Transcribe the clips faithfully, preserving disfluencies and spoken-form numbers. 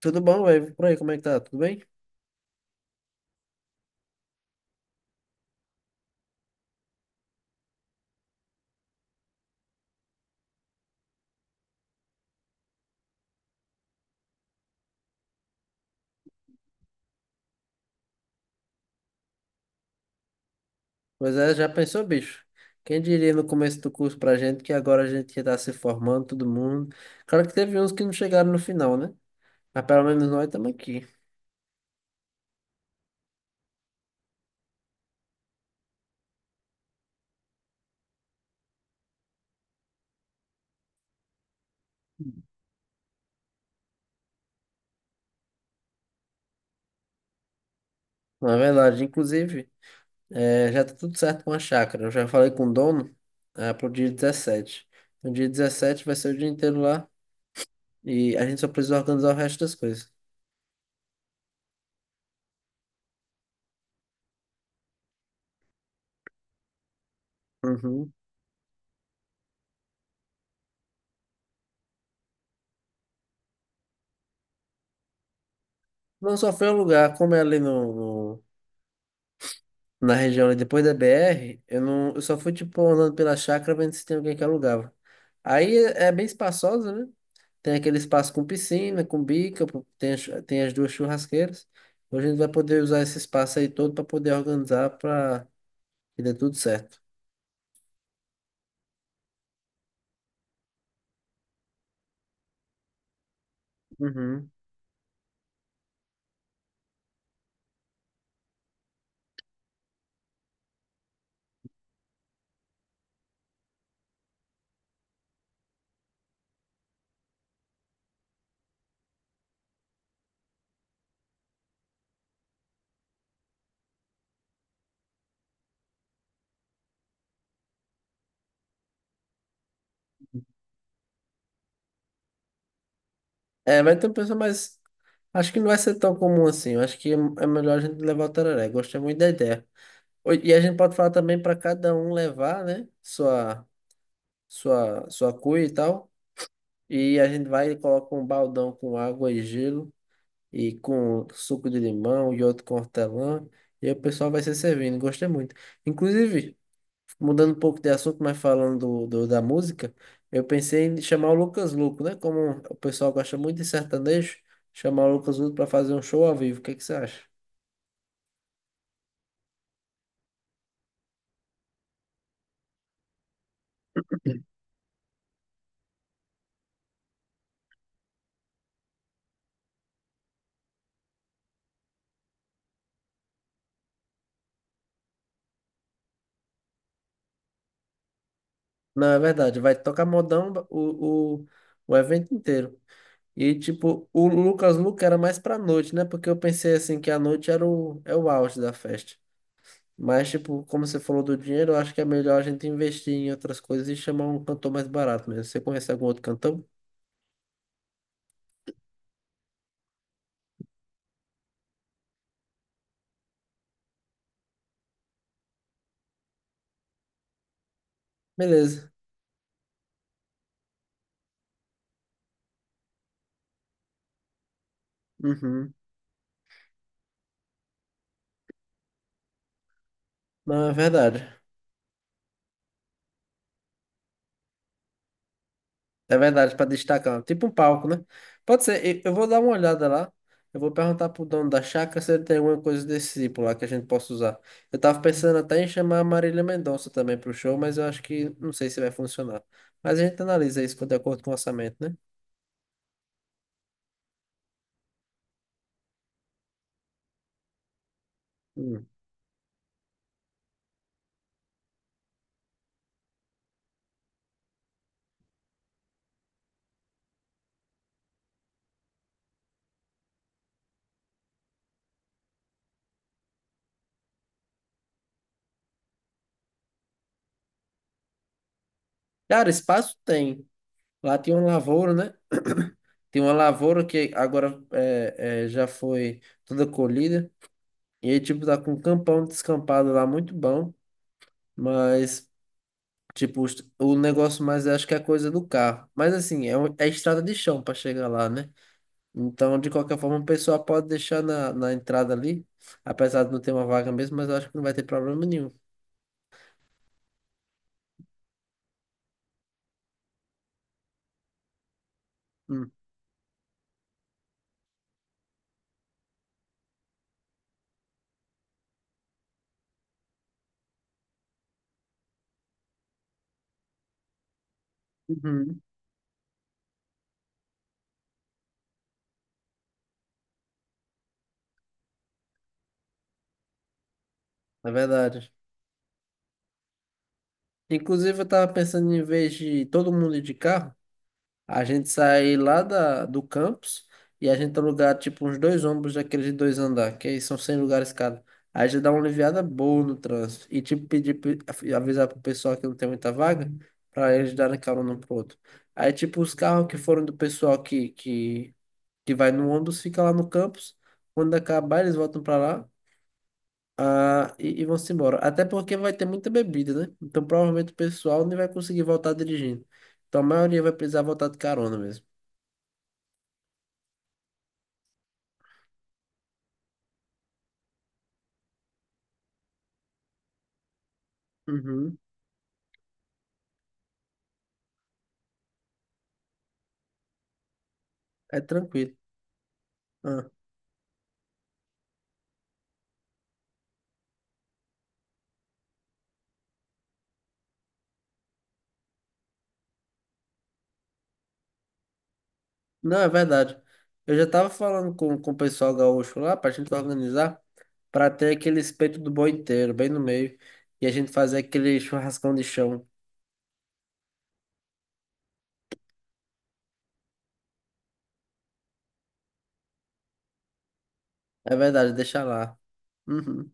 Tudo bom, velho? Por aí, como é que tá? Tudo bem? Pois é, já pensou, bicho? Quem diria no começo do curso pra gente que agora a gente ia estar se formando, todo mundo. Claro que teve uns que não chegaram no final, né? Mas pelo menos nós estamos aqui. Na verdade, inclusive, eh, já tá tudo certo com a chácara. Eu já falei com o dono, ah, pro dia dezessete. No dia dezessete vai ser o dia inteiro lá e a gente só precisa organizar o resto das coisas. Uhum. Não só foi o lugar, como é ali no, na região ali, depois da B R, eu não, eu só fui tipo andando pela chácara vendo se tem alguém que alugava. Aí é é bem espaçosa, né? Tem aquele espaço com piscina, com bica, pro- tem, a chu- tem as duas churrasqueiras. Hoje a gente vai poder usar esse espaço aí todo para poder organizar para que dê tudo certo. Uhum. É, vai ter um pessoal, mas acho que não vai ser tão comum assim. Eu acho que é é melhor a gente levar o tereré. Gostei muito da ideia. Oi, e a gente pode falar também para cada um levar, né? Sua, sua, sua cuia e tal. E a gente vai e coloca um baldão com água e gelo, e com suco de limão e outro com hortelã, e aí o pessoal vai se servindo. Gostei muito. Inclusive, mudando um pouco de assunto, mas falando do, do- da música, eu pensei em chamar o Lucas Luco, né? Como o pessoal gosta muito de sertanejo, chamar o Lucas Luco para fazer um show ao vivo. O que é que você acha? Não, é verdade. Vai tocar modão o, o, o evento inteiro. E, tipo, o Lucas Luco era mais pra noite, né? Porque eu pensei, assim, que a noite era o, é o auge da festa. Mas, tipo, como você falou do dinheiro, eu acho que é melhor a gente investir em outras coisas e chamar um cantor mais barato mesmo. Você conhece algum outro cantor? Beleza. Uhum. Não, é verdade. É verdade, para destacar. Tipo um palco, né? Pode ser. Eu eu vou dar uma olhada lá. Eu vou perguntar pro dono da chácara se ele tem alguma coisa desse tipo lá que a gente possa usar. Eu tava pensando até em chamar a Marília Mendonça também pro show, mas eu acho que não sei se vai funcionar. Mas a gente analisa isso de acordo com o orçamento, né? Hum. Cara, espaço tem. Lá tem uma lavoura, né? Tem uma lavoura que agora é, é, já foi toda colhida. E aí, tipo, tá com um campão descampado lá muito bom. Mas, tipo, os- o negócio mais acho que é a coisa do carro. Mas assim, é, um- é estrada de chão para chegar lá, né? Então, de qualquer forma, o pessoal pode deixar na, na entrada ali. Apesar de não ter uma vaga mesmo, mas eu acho que não vai ter problema nenhum. Hum. Uhum. É verdade. Inclusive, eu tava pensando em vez de todo mundo ir de carro. A gente sai lá da, do campus e a gente alugar tipo uns dois ônibus daqueles de dois andar, que aí são cem lugares cada. Aí já dá uma aliviada boa no trânsito. E tipo, pedir, pe- avisar pro pessoal que não tem muita vaga, para eles darem carona um pro outro. Aí tipo, os carros que foram do pessoal que, que, que vai no ônibus fica lá no campus. Quando acabar, eles voltam para lá. Ah, e, e vão-se embora. Até porque vai ter muita bebida, né? Então provavelmente o pessoal nem vai conseguir voltar dirigindo. Então a maioria vai precisar voltar de carona mesmo. Uhum, é tranquilo. Ah, não, é verdade. Eu já tava falando com, com o pessoal gaúcho lá pra gente organizar pra ter aquele espeto do boi inteiro, bem no meio, e a gente fazer aquele churrascão de chão. É verdade, deixa lá. Uhum.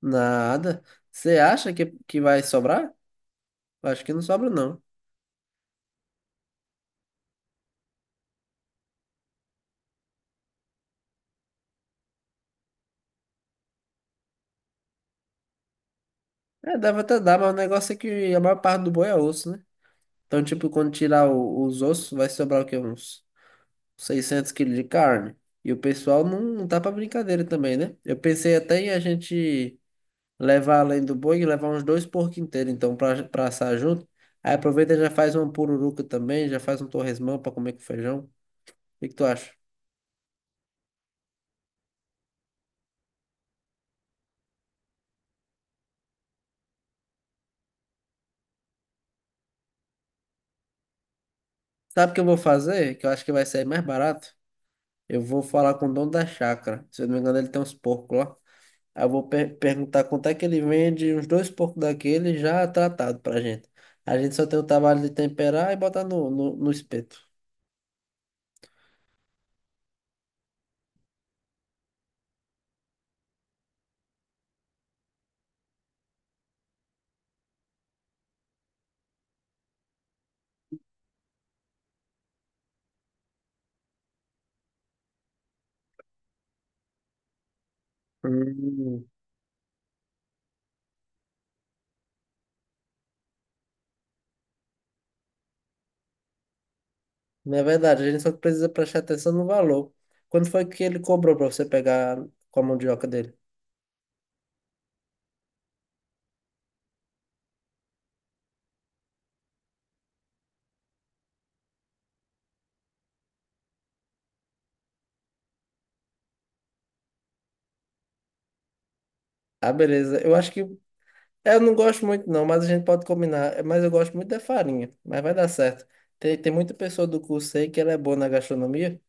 Nada. Você acha que, que vai sobrar? Acho que não sobra, não. É, deve até dar, mas o negócio é que a maior parte do boi é osso, né? Então, tipo, quando tirar o- os ossos, vai sobrar o quê? Uns seiscentos quilos de carne. E o pessoal não, não tá pra brincadeira também, né? Eu pensei até em a gente levar além do boi e levar uns dois porcos inteiros, então, pra, pra assar junto. Aí aproveita e já faz uma pururuca também, já faz um torresmão pra comer com feijão. O que que tu acha? Sabe o que eu vou fazer? Que eu acho que vai sair mais barato. Eu vou falar com o dono da chácara. Se eu não me engano, ele tem uns porcos lá. Aí eu vou per- perguntar quanto é que ele vende uns dois porcos daquele já tratado pra gente. A gente só tem o trabalho de temperar e botar no, no, no espeto. Hum, não é verdade, a gente só precisa prestar atenção no valor. Quando foi que ele cobrou para você pegar com a mandioca dele? Ah, beleza. Eu acho que. É, eu não gosto muito, não, mas a gente pode combinar. É, mas eu gosto muito da farinha, mas vai dar certo. Tem, tem muita pessoa do curso aí que ela é boa na gastronomia,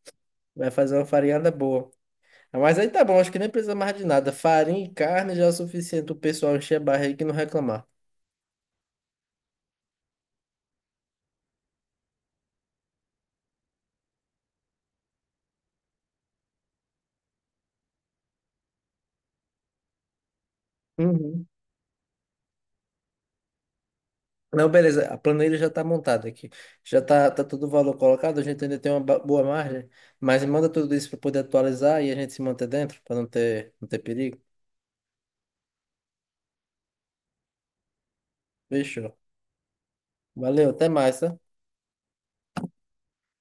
vai fazer uma farinhada boa. Ah, mas aí tá bom, acho que nem precisa mais de nada. Farinha e carne já é o suficiente o pessoal encher a barriga e não reclamar. Uhum. Não, beleza, a planilha já está montada aqui. Já está tá tá todo o valor colocado, a gente ainda tem uma ba- boa margem, mas manda tudo isso para poder atualizar e a gente se manter dentro, para não ter, não ter perigo. Fechou. Valeu, até mais, tá?